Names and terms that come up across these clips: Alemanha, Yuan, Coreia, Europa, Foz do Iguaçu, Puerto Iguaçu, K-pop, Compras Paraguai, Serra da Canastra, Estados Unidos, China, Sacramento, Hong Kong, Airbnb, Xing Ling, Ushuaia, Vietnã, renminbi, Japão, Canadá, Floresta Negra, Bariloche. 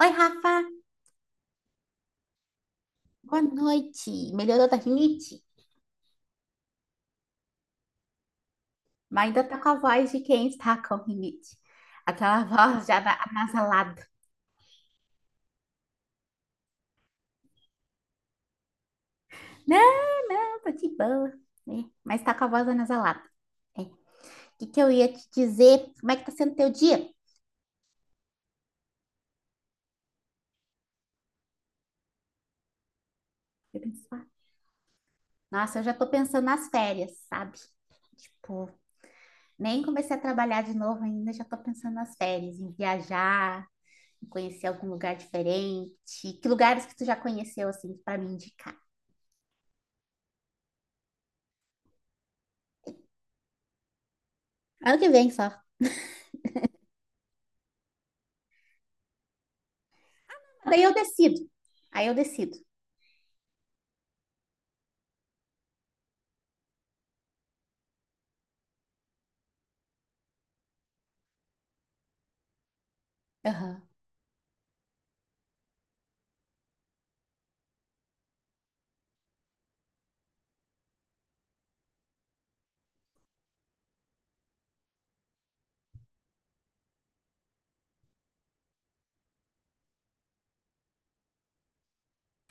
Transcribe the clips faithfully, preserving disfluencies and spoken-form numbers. Oi, Rafa, boa noite. Melhorou da rinite? Mas ainda tá com a voz de quem está com rinite. Aquela voz já na- anasalada. Não, não, tô de boa, né? Mas tá com a voz anasalada. É. O que que eu ia te dizer? Como é que tá sendo teu dia? Eu penso, "Ah, Nossa, eu já tô pensando nas férias, sabe? Tipo, nem comecei a trabalhar de novo ainda, já tô pensando nas férias, em viajar, em conhecer algum lugar diferente. Que lugares que tu já conheceu, assim, pra me indicar? Ano que vem só. Daí eu decido. Aí eu decido. Aham.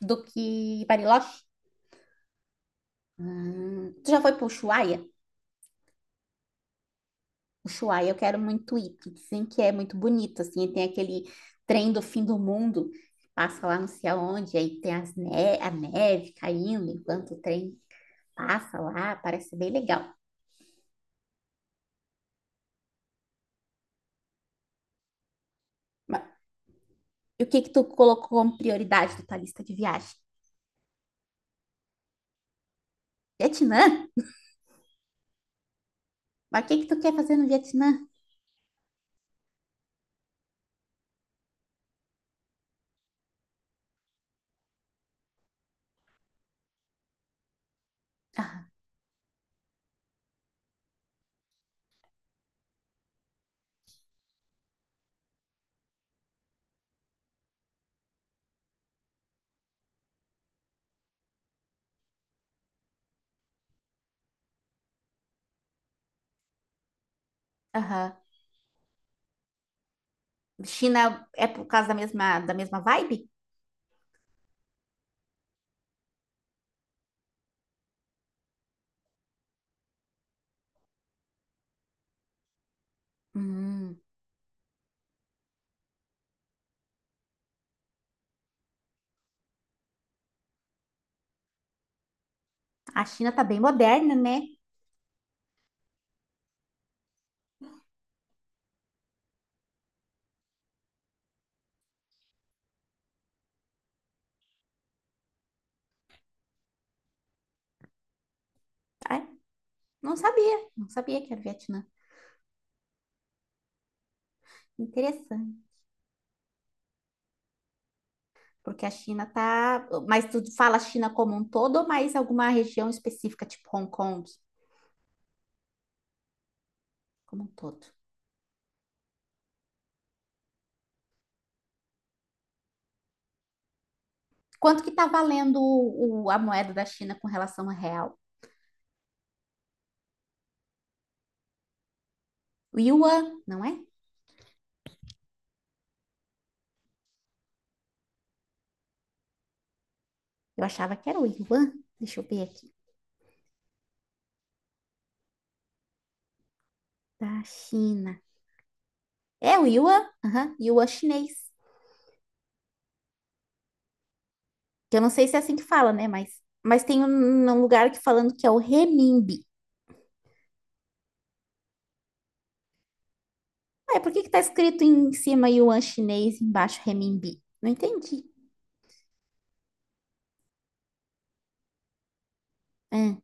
Do que Bariloche? Hum, tu já foi pro Ushuaia? Ushuaia, eu quero muito ir, porque dizem que é muito bonito, assim, tem aquele trem do fim do mundo, que passa lá não sei aonde, aí tem as ne a neve caindo enquanto o trem passa lá, parece bem legal. Ma- E o que que tu colocou como prioridade da tua lista de viagem? Vietnã? Mas o que que tu quer fazer no Vietnã? Aham, aham. China é por causa da mesma, da mesma vibe? Hum, a China tá bem moderna, né? Ai, não sabia, não sabia que era Vietnã. Interessante, porque a China tá... Mas tu fala China como um todo ou mais alguma região específica, tipo Hong Kong, como um todo? Quanto que tá valendo o, o- a moeda da China com relação ao real? O yuan, não é? Eu achava que era o yuan. Deixa eu ver aqui. Da China. É o Yuan? Aham, Yuan chinês. Que eu não sei se é assim que fala, né? Mas, mas tem um, um lugar que falando que é o renminbi. Ué, por que que tá escrito em cima Yuan chinês e embaixo renminbi? Não entendi. Hã,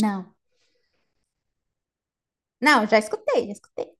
não. Não, já escutei, já escutei.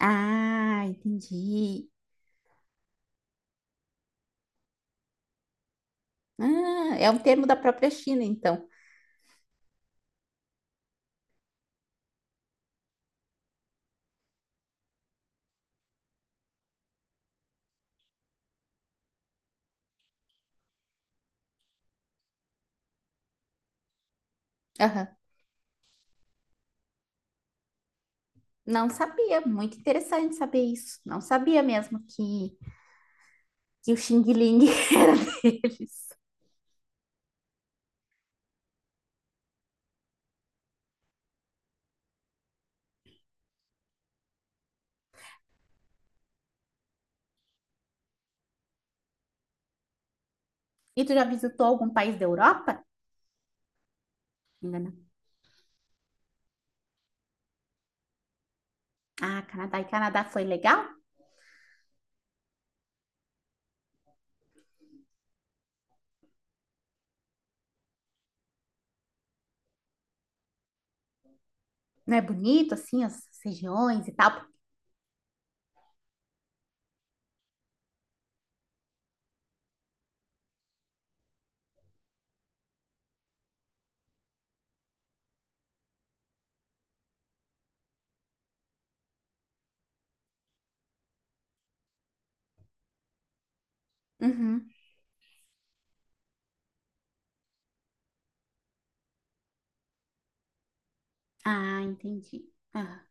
Ah, entendi. Ah, é um termo da própria China, então. Aham. Não sabia. Muito interessante saber isso. Não sabia mesmo que, que o Xing Ling era deles. E tu já visitou algum país da Europa? Ainda não. Ah, Canadá. E Canadá foi legal? Não é bonito, assim, as regiões e tal? Uhum. Ah, entendi. Ah.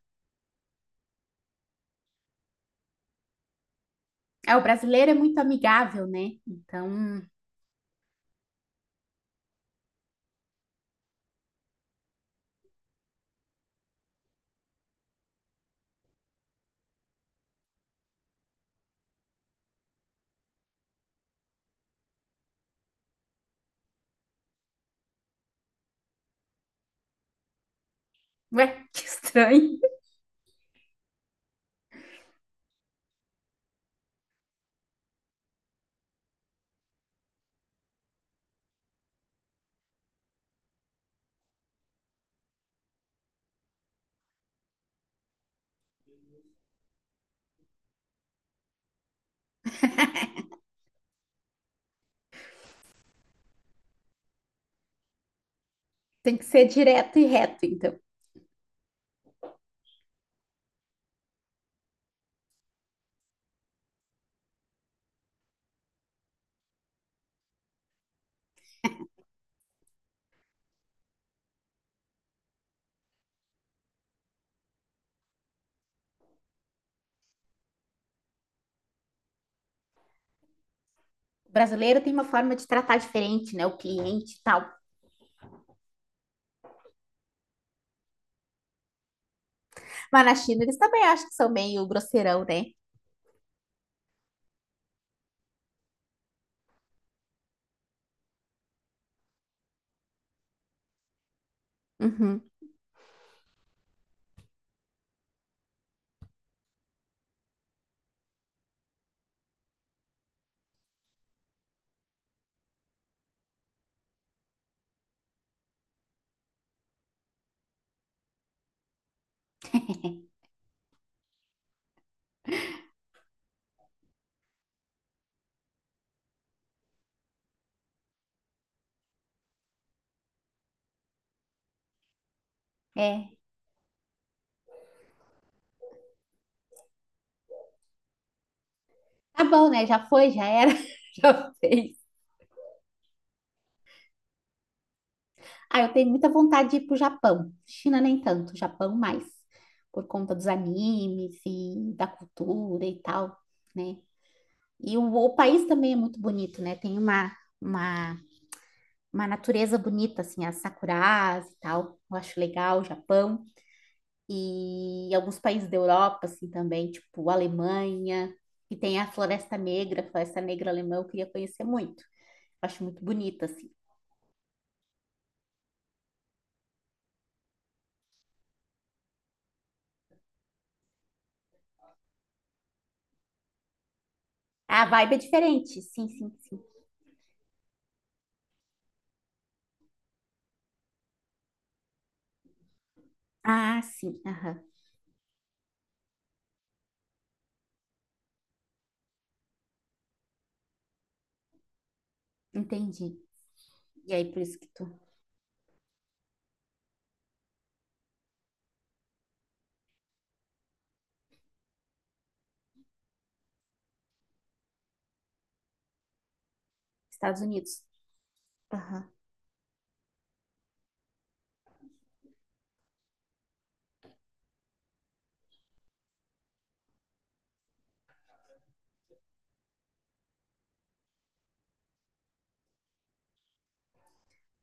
É, o brasileiro é muito amigável, né? Então, ué, que estranho. Tem que ser direto e reto, então. O brasileiro tem uma forma de tratar diferente, né? O cliente e tal. Mas na China eles também acham que são meio grosseirão, né? Uhum. É. Tá bom, né? Já foi, já era, já fez. Ah, eu tenho muita vontade de ir pro Japão. China nem tanto, Japão mais, por conta dos animes e da cultura e tal, né? E o, o país também é muito bonito, né? Tem uma, uma, uma natureza bonita, assim, as sakuras e tal. Eu acho legal o Japão. E alguns países da Europa, assim, também, tipo Alemanha, que tem a Floresta Negra, a Floresta Negra alemã, eu queria conhecer muito. Eu acho muito bonita, assim. A vibe é diferente, sim, sim, sim. Ah, sim, aham. Entendi. E aí, por isso que tu. Estados Unidos. Aham.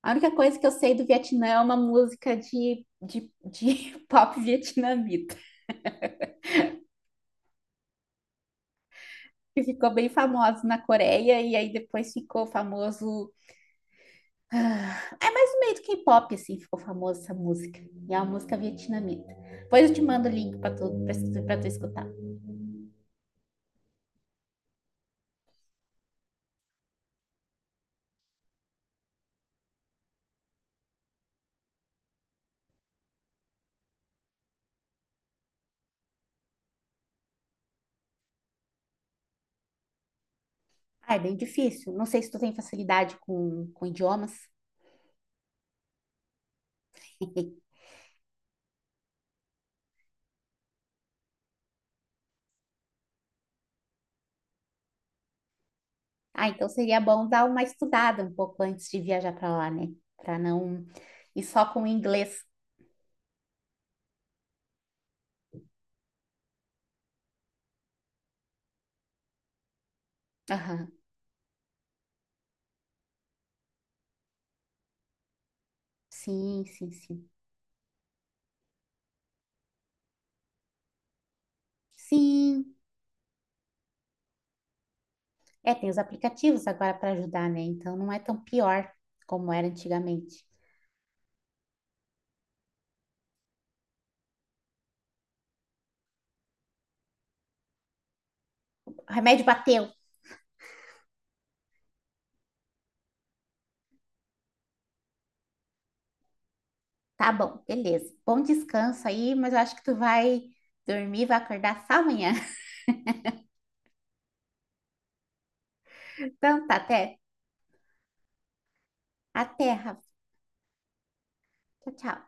A única coisa que eu sei do Vietnã é uma música de, de, de pop vietnamita, que ficou bem famosa na Coreia e aí depois ficou famoso. Ah, É mais no meio do K-pop, assim, ficou famosa essa música. E é uma música vietnamita. Depois eu te mando o link para tu, para tu escutar. Ah, é bem difícil. Não sei se tu tem facilidade com, com idiomas. Ah, então seria bom dar uma estudada um pouco antes de viajar para lá, né? Para não ir só com o inglês. Aham. Sim, sim, sim. Sim. É, tem os aplicativos agora para ajudar, né? Então não é tão pior como era antigamente. O remédio bateu. Tá bom, beleza. Bom descanso aí, mas eu acho que tu vai dormir, vai acordar só amanhã. Então tá, até. Até, Rafa. Tchau, tchau.